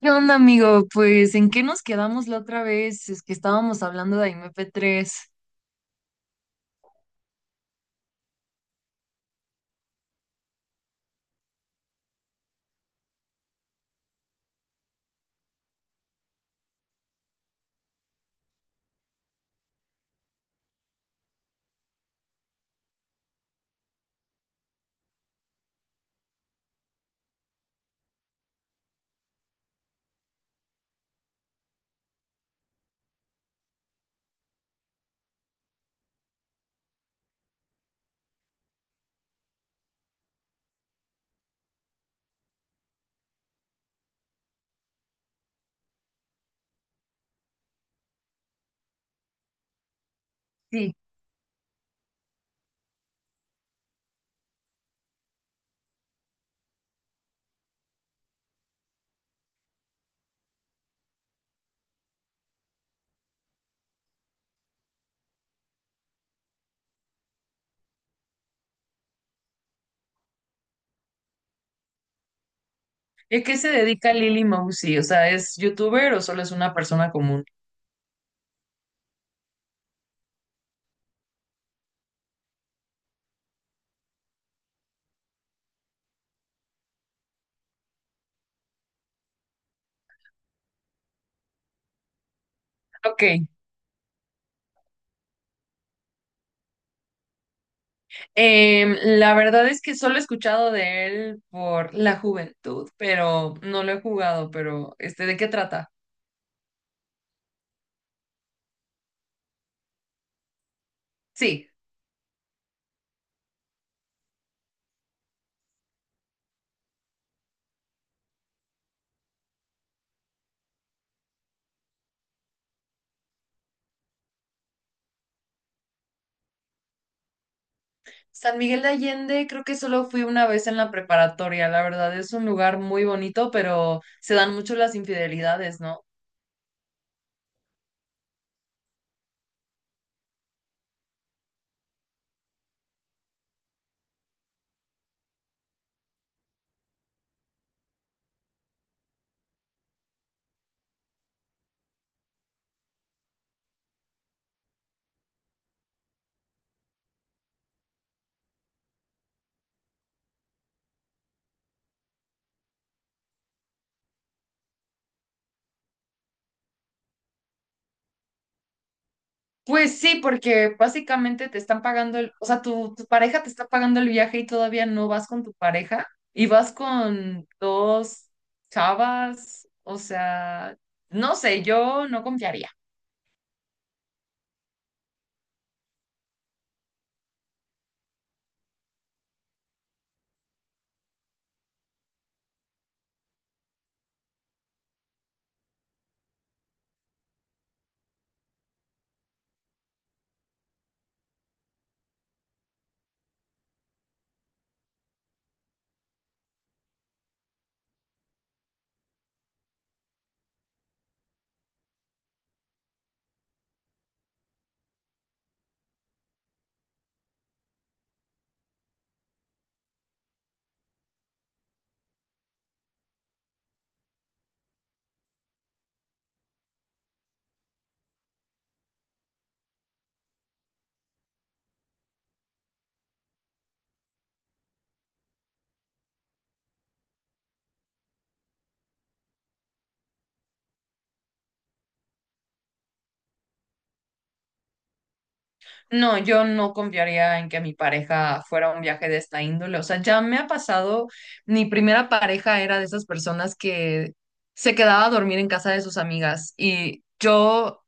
¿Qué onda, amigo? Pues, ¿en qué nos quedamos la otra vez? Es que estábamos hablando de MP3. Sí, ¿y qué se dedica Lily Mousy? O sea, ¿es youtuber o solo es una persona común? Ok, la verdad es que solo he escuchado de él por la juventud, pero no lo he jugado, pero este, ¿de qué trata? Sí, San Miguel de Allende, creo que solo fui una vez en la preparatoria, la verdad es un lugar muy bonito, pero se dan mucho las infidelidades, ¿no? Pues sí, porque básicamente te están pagando o sea, tu pareja te está pagando el viaje y todavía no vas con tu pareja y vas con dos chavas, o sea, no sé, yo no confiaría. No, yo no confiaría en que mi pareja fuera a un viaje de esta índole. O sea, ya me ha pasado, mi primera pareja era de esas personas que se quedaba a dormir en casa de sus amigas y yo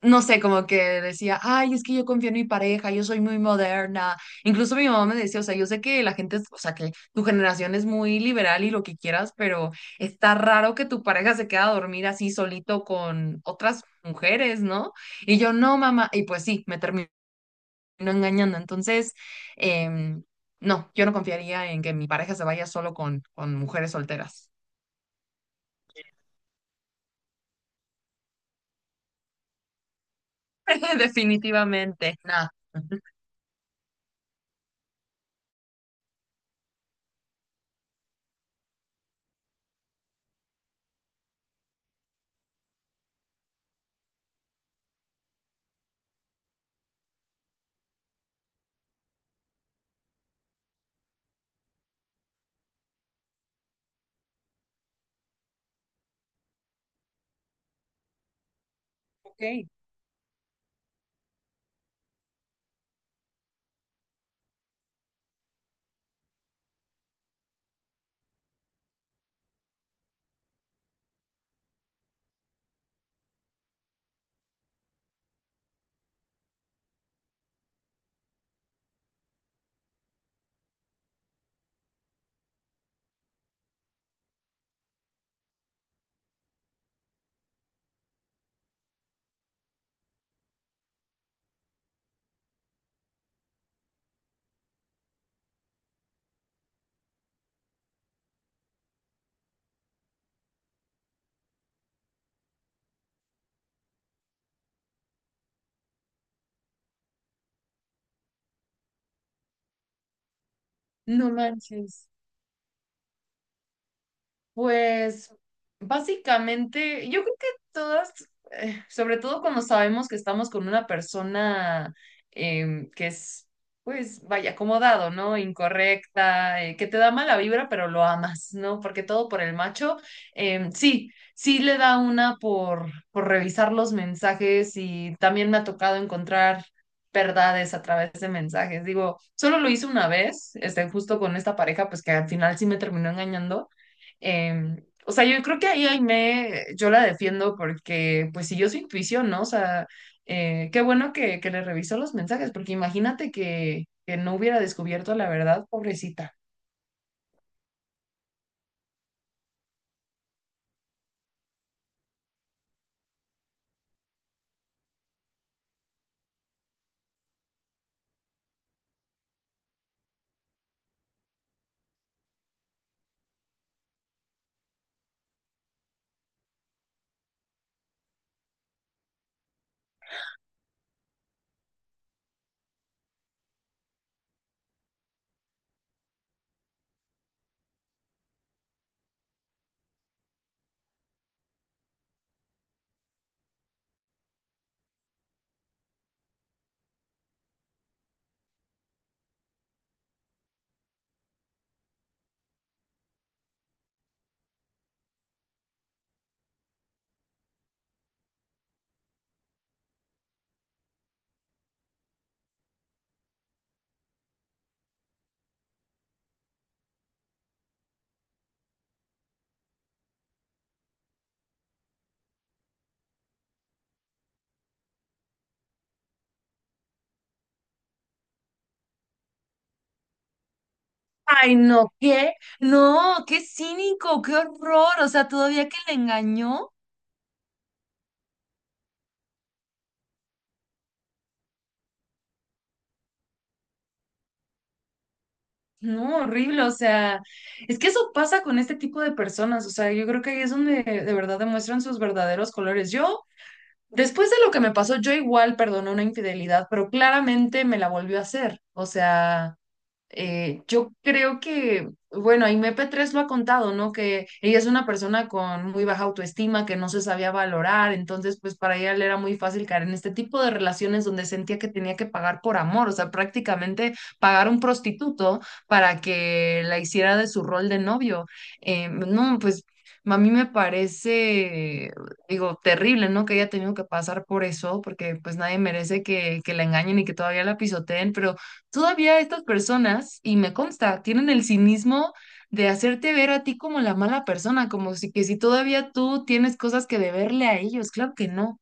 no sé, como que decía, ay, es que yo confío en mi pareja, yo soy muy moderna. Incluso mi mamá me decía, o sea, yo sé que la gente es, o sea, que tu generación es muy liberal y lo que quieras, pero está raro que tu pareja se quede a dormir así solito con otras mujeres, ¿no? Y yo, no, mamá, y pues sí, me terminó engañando. Entonces, em, no, yo no confiaría en que mi pareja se vaya solo con mujeres solteras. Definitivamente, nada. Ok, no manches. Pues básicamente, yo creo que todas, sobre todo cuando sabemos que estamos con una persona que es, pues, vaya, acomodado, ¿no? Incorrecta, que te da mala vibra, pero lo amas, ¿no? Porque todo por el macho, sí, sí le da una por revisar los mensajes y también me ha tocado encontrar verdades a través de mensajes. Digo, solo lo hice una vez, este, justo con esta pareja, pues que al final sí me terminó engañando. O sea, yo creo que ahí Aimee, yo la defiendo porque pues siguió su intuición, ¿no? O sea, qué bueno que le revisó los mensajes, porque imagínate que no hubiera descubierto la verdad, pobrecita. Ay, no, ¿qué? No, qué cínico, qué horror. O sea, todavía que le engañó. No, horrible, o sea, es que eso pasa con este tipo de personas, o sea, yo creo que ahí es donde de verdad demuestran sus verdaderos colores. Yo Después de lo que me pasó, yo igual perdoné una infidelidad, pero claramente me la volvió a hacer. O sea, yo creo que, bueno, y MP3 lo ha contado, ¿no? Que ella es una persona con muy baja autoestima, que no se sabía valorar, entonces pues para ella le era muy fácil caer en este tipo de relaciones donde sentía que tenía que pagar por amor, o sea, prácticamente pagar un prostituto para que la hiciera de su rol de novio. No, pues a mí me parece, digo, terrible, ¿no? Que haya tenido que pasar por eso, porque pues nadie merece que la engañen y que todavía la pisoteen, pero. Todavía estas personas, y me consta, tienen el cinismo de hacerte ver a ti como la mala persona, como si que si todavía tú tienes cosas que deberle a ellos, claro que no.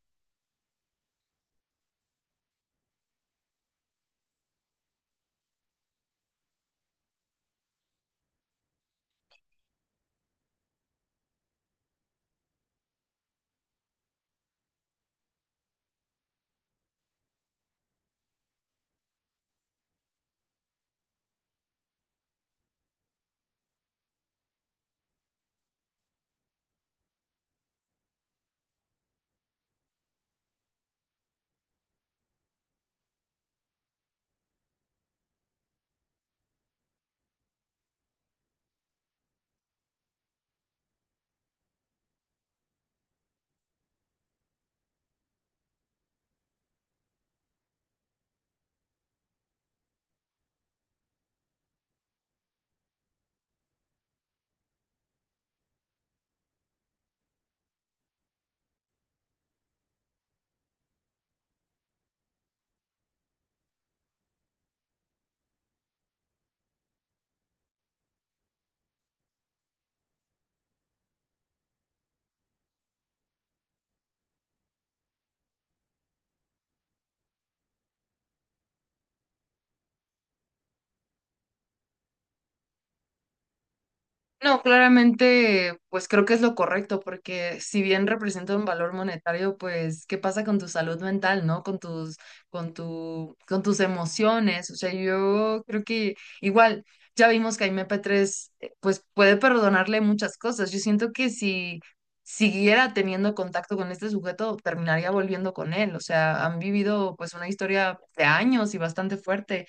No, claramente, pues creo que es lo correcto, porque si bien representa un valor monetario, pues, ¿qué pasa con tu salud mental, no? Con con tus emociones. O sea, yo creo que igual, ya vimos que a MP3, pues, puede perdonarle muchas cosas. Yo siento que si siguiera teniendo contacto con este sujeto, terminaría volviendo con él. O sea, han vivido, pues, una historia de años y bastante fuerte.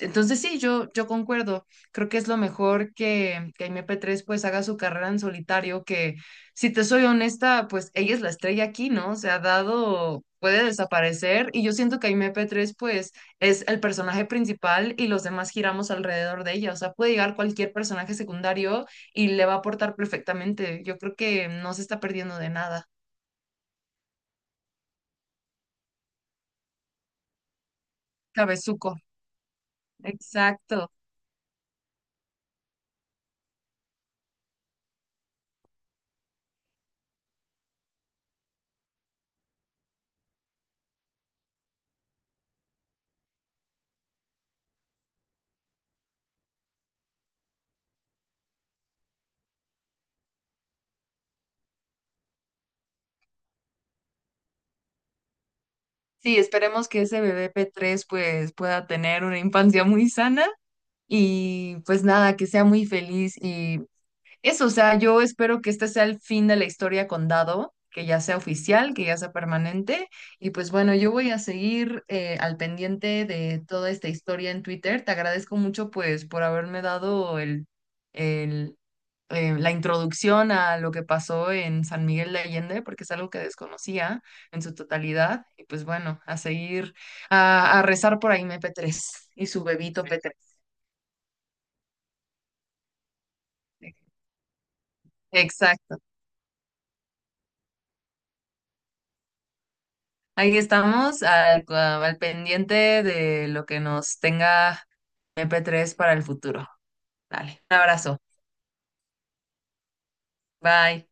Entonces, sí, yo concuerdo. Creo que es lo mejor que Aimee P3 pues haga su carrera en solitario, que si te soy honesta, pues ella es la estrella aquí, ¿no? Se ha dado, puede desaparecer y yo siento que Aimee P3 pues es el personaje principal y los demás giramos alrededor de ella, o sea, puede llegar cualquier personaje secundario y le va a aportar perfectamente. Yo creo que no se está perdiendo de nada. Cabezuco. Exacto. Sí, esperemos que ese bebé P3 pues pueda tener una infancia muy sana. Y pues nada, que sea muy feliz y eso, o sea, yo espero que este sea el fin de la historia con Dado, que ya sea oficial, que ya sea permanente. Y pues bueno, yo voy a seguir al pendiente de toda esta historia en Twitter. Te agradezco mucho pues por haberme dado el, la introducción a lo que pasó en San Miguel de Allende, porque es algo que desconocía en su totalidad. Y pues bueno, a seguir a rezar por ahí MP3 y su bebito P3. Exacto. Ahí estamos al pendiente de lo que nos tenga MP3 para el futuro. Dale, un abrazo. Bye.